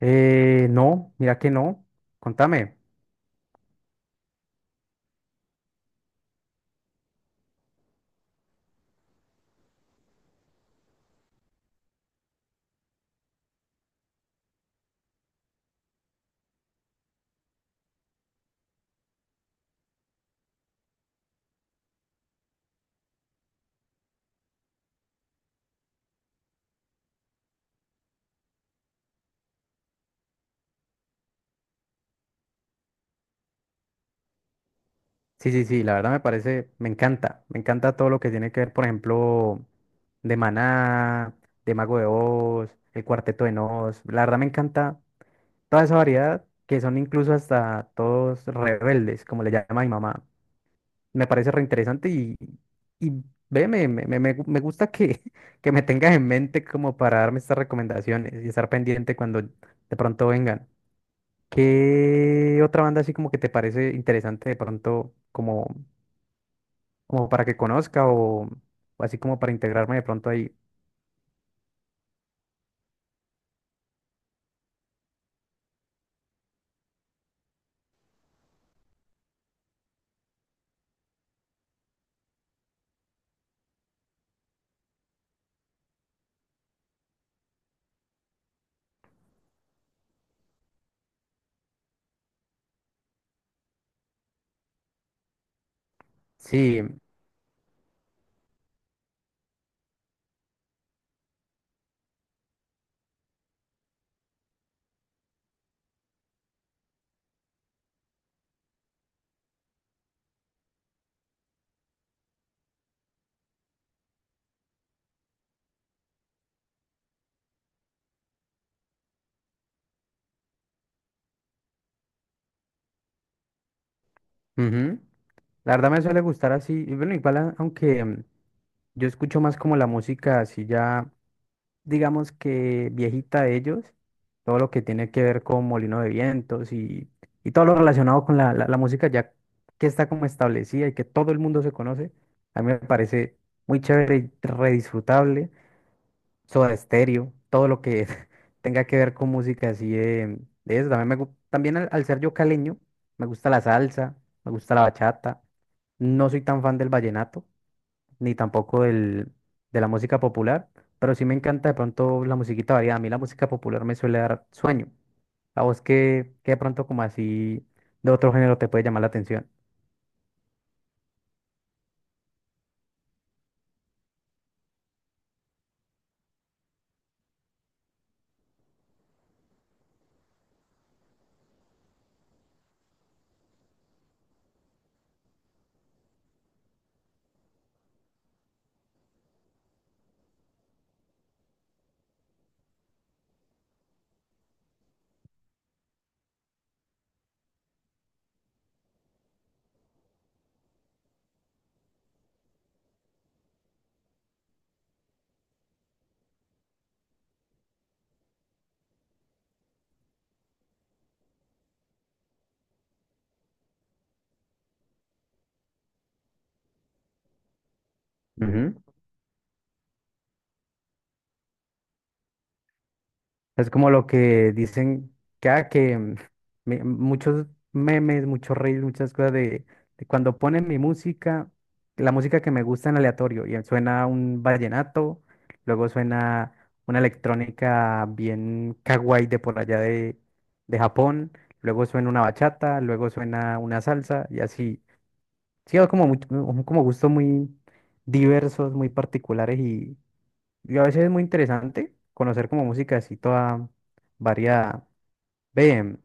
No, mira que no. Contame. Sí, sí, sí, la verdad me parece, me encanta. Me encanta todo lo que tiene que ver, por ejemplo, de Maná, de Mago de Oz, el Cuarteto de Nos. La verdad me encanta toda esa variedad que son incluso hasta todos rebeldes, como le llama mi mamá. Me parece reinteresante y ve, me gusta que, que me tengas en mente como para darme estas recomendaciones y estar pendiente cuando de pronto vengan. ¿Qué otra banda así como que te parece interesante de pronto como, como para que conozca o así como para integrarme de pronto ahí? Sí, ujú. La verdad me suele gustar así, y bueno, igual aunque yo escucho más como la música así ya, digamos que viejita de ellos, todo lo que tiene que ver con Molino de Vientos y todo lo relacionado con la música ya que está como establecida y que todo el mundo se conoce, a mí me parece muy chévere y redisfrutable. Soda Stereo, todo lo que tenga que ver con música así de eso. También, también al ser yo caleño, me gusta la salsa, me gusta la bachata. No soy tan fan del vallenato, ni tampoco del, de la música popular, pero sí me encanta de pronto la musiquita variada. A mí la música popular me suele dar sueño. A vos que, de pronto como así de otro género te puede llamar la atención. Ujú. Es como lo que dicen que, ah, que muchos memes, muchos reels, muchas cosas de cuando ponen mi música, la música que me gusta en aleatorio, y suena un vallenato, luego suena una electrónica bien kawaii de por allá de Japón, luego suena una bachata, luego suena una salsa, y así. Sí, es como, como gustos muy diversos, muy particulares y a veces es muy interesante conocer como música así toda variada. Ve,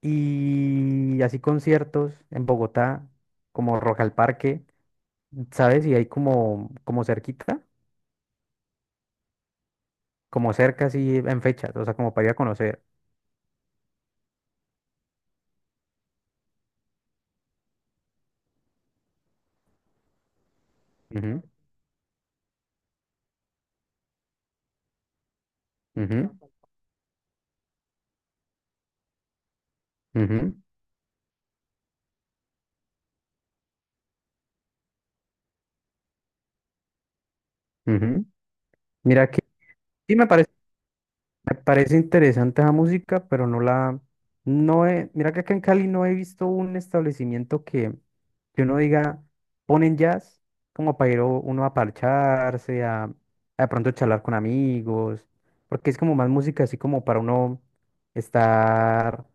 y así conciertos en Bogotá, como Rock al Parque, ¿sabes? Y hay como, como cerquita, como cerca así en fechas, o sea, como para ir a conocer. Ujú, ujú, ujú, ujú. Mira que sí me parece. Me parece interesante esa música, pero no la, no he, mira que acá en Cali no he visto un establecimiento que uno diga, ponen jazz, como para ir uno a parcharse, a de pronto charlar con amigos, porque es como más música así como para uno estar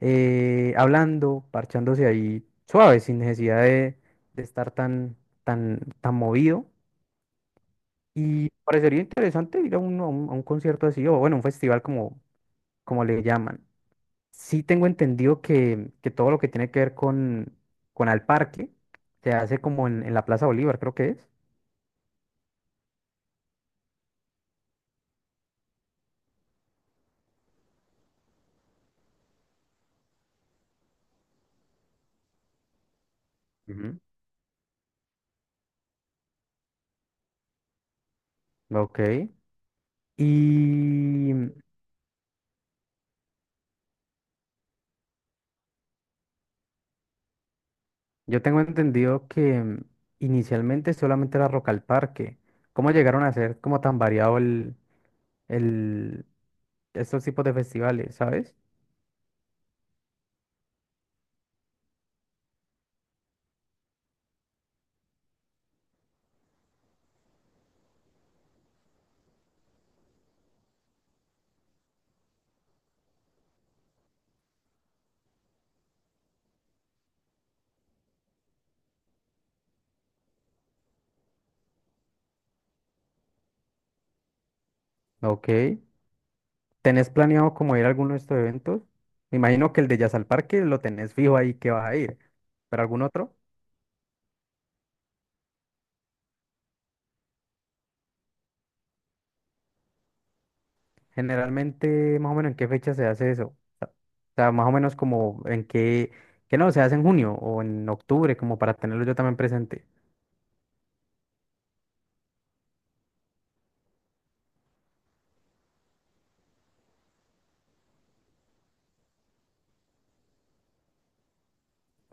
hablando, parchándose ahí suave, sin necesidad de estar tan, tan movido. Y parecería interesante ir a un, a un, a un concierto así, o bueno, un festival como como le llaman. Sí tengo entendido que todo lo que tiene que ver con al parque se hace como en la Plaza Bolívar, creo que es. Ujú. Ok. Y yo tengo entendido que inicialmente solamente era Rock al Parque. ¿Cómo llegaron a ser como tan variado el, estos tipos de festivales, sabes? Ok. ¿Tenés planeado como ir a alguno de estos eventos? Me imagino que el de Jazz al Parque lo tenés fijo ahí que vas a ir, pero algún otro. Generalmente, más o menos, ¿en qué fecha se hace eso? O sea, más o menos como en qué, que no, se hace en junio o en octubre, como para tenerlo yo también presente.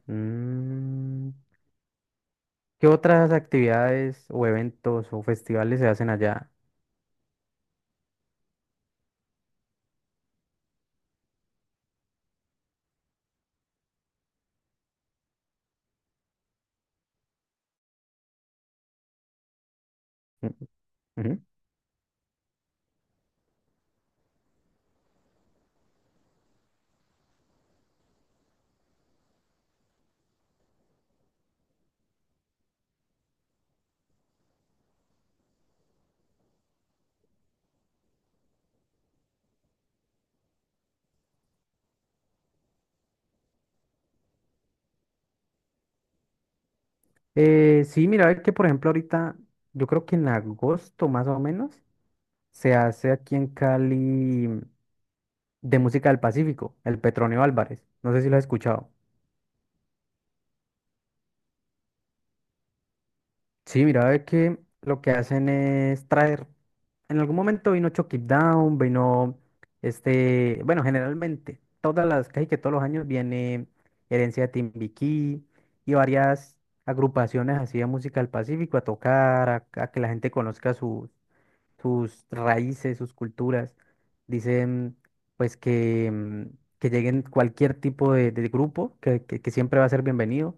Mm, ¿Qué otras actividades o eventos o festivales se hacen allá? Mm, ujú. Sí, mira, ve que por ejemplo ahorita, yo creo que en agosto más o menos, se hace aquí en Cali de música del Pacífico, el Petronio Álvarez. No sé si lo has escuchado. Sí, mira, ve que lo que hacen es traer. En algún momento vino Chucky Down, vino este. Bueno, generalmente, todas las, casi que todos los años viene Herencia de Timbiquí y varias agrupaciones así de música del Pacífico a tocar, a que la gente conozca sus raíces, sus culturas. Dicen, pues, que, que lleguen cualquier tipo de grupo, que siempre va a ser bienvenido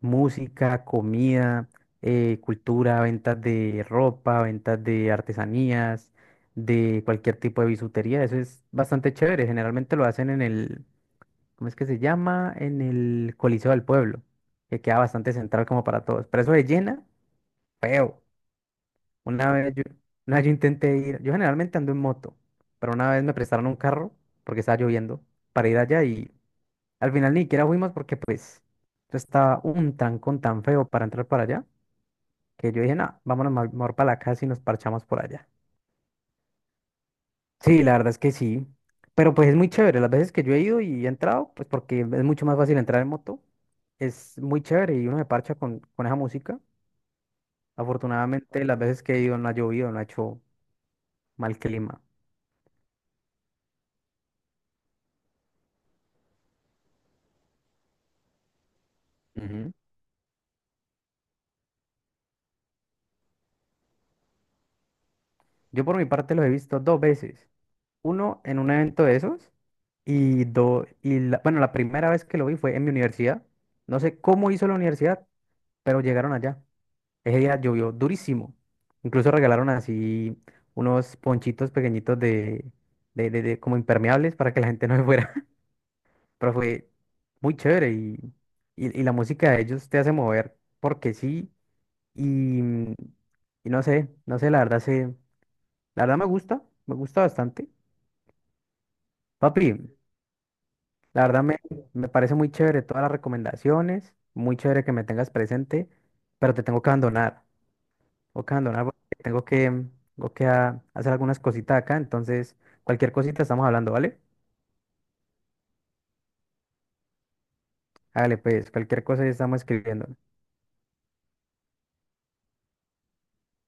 música, comida, cultura, ventas de ropa, ventas de artesanías, de cualquier tipo de bisutería. Eso es bastante chévere. Generalmente lo hacen en el, ¿cómo es que se llama? En el Coliseo del Pueblo, que queda bastante central como para todos. Pero eso de llena, feo. Una vez yo, una vez yo intenté ir, yo generalmente ando en moto, pero una vez me prestaron un carro porque estaba lloviendo para ir allá y al final ni siquiera fuimos porque pues... Eso estaba un trancón tan feo para entrar para allá que yo dije, no, vámonos mejor para la casa y nos parchamos por allá. Sí, la verdad es que sí. Pero pues es muy chévere. Las veces que yo he ido y he entrado, pues porque es mucho más fácil entrar en moto, es muy chévere y uno se parcha con esa música. Afortunadamente, las veces que he ido no ha llovido, no ha hecho mal clima. Ujú. Yo por mi parte los he visto dos veces. Uno en un evento de esos y dos, y bueno, la primera vez que lo vi fue en mi universidad. No sé cómo hizo la universidad, pero llegaron allá. Ese día llovió durísimo. Incluso regalaron así unos ponchitos pequeñitos de, como impermeables para que la gente no se fuera. Pero fue muy chévere y la música de ellos te hace mover porque sí. Y, y no sé, no sé, la verdad se, la verdad me gusta bastante. Papi, la verdad me, me parece muy chévere todas las recomendaciones, muy chévere que me tengas presente, pero te tengo que abandonar. Ok, Andona, porque tengo que, tengo que hacer algunas cositas acá, entonces cualquier cosita estamos hablando, ¿vale? Hágale pues, cualquier cosa estamos escribiendo.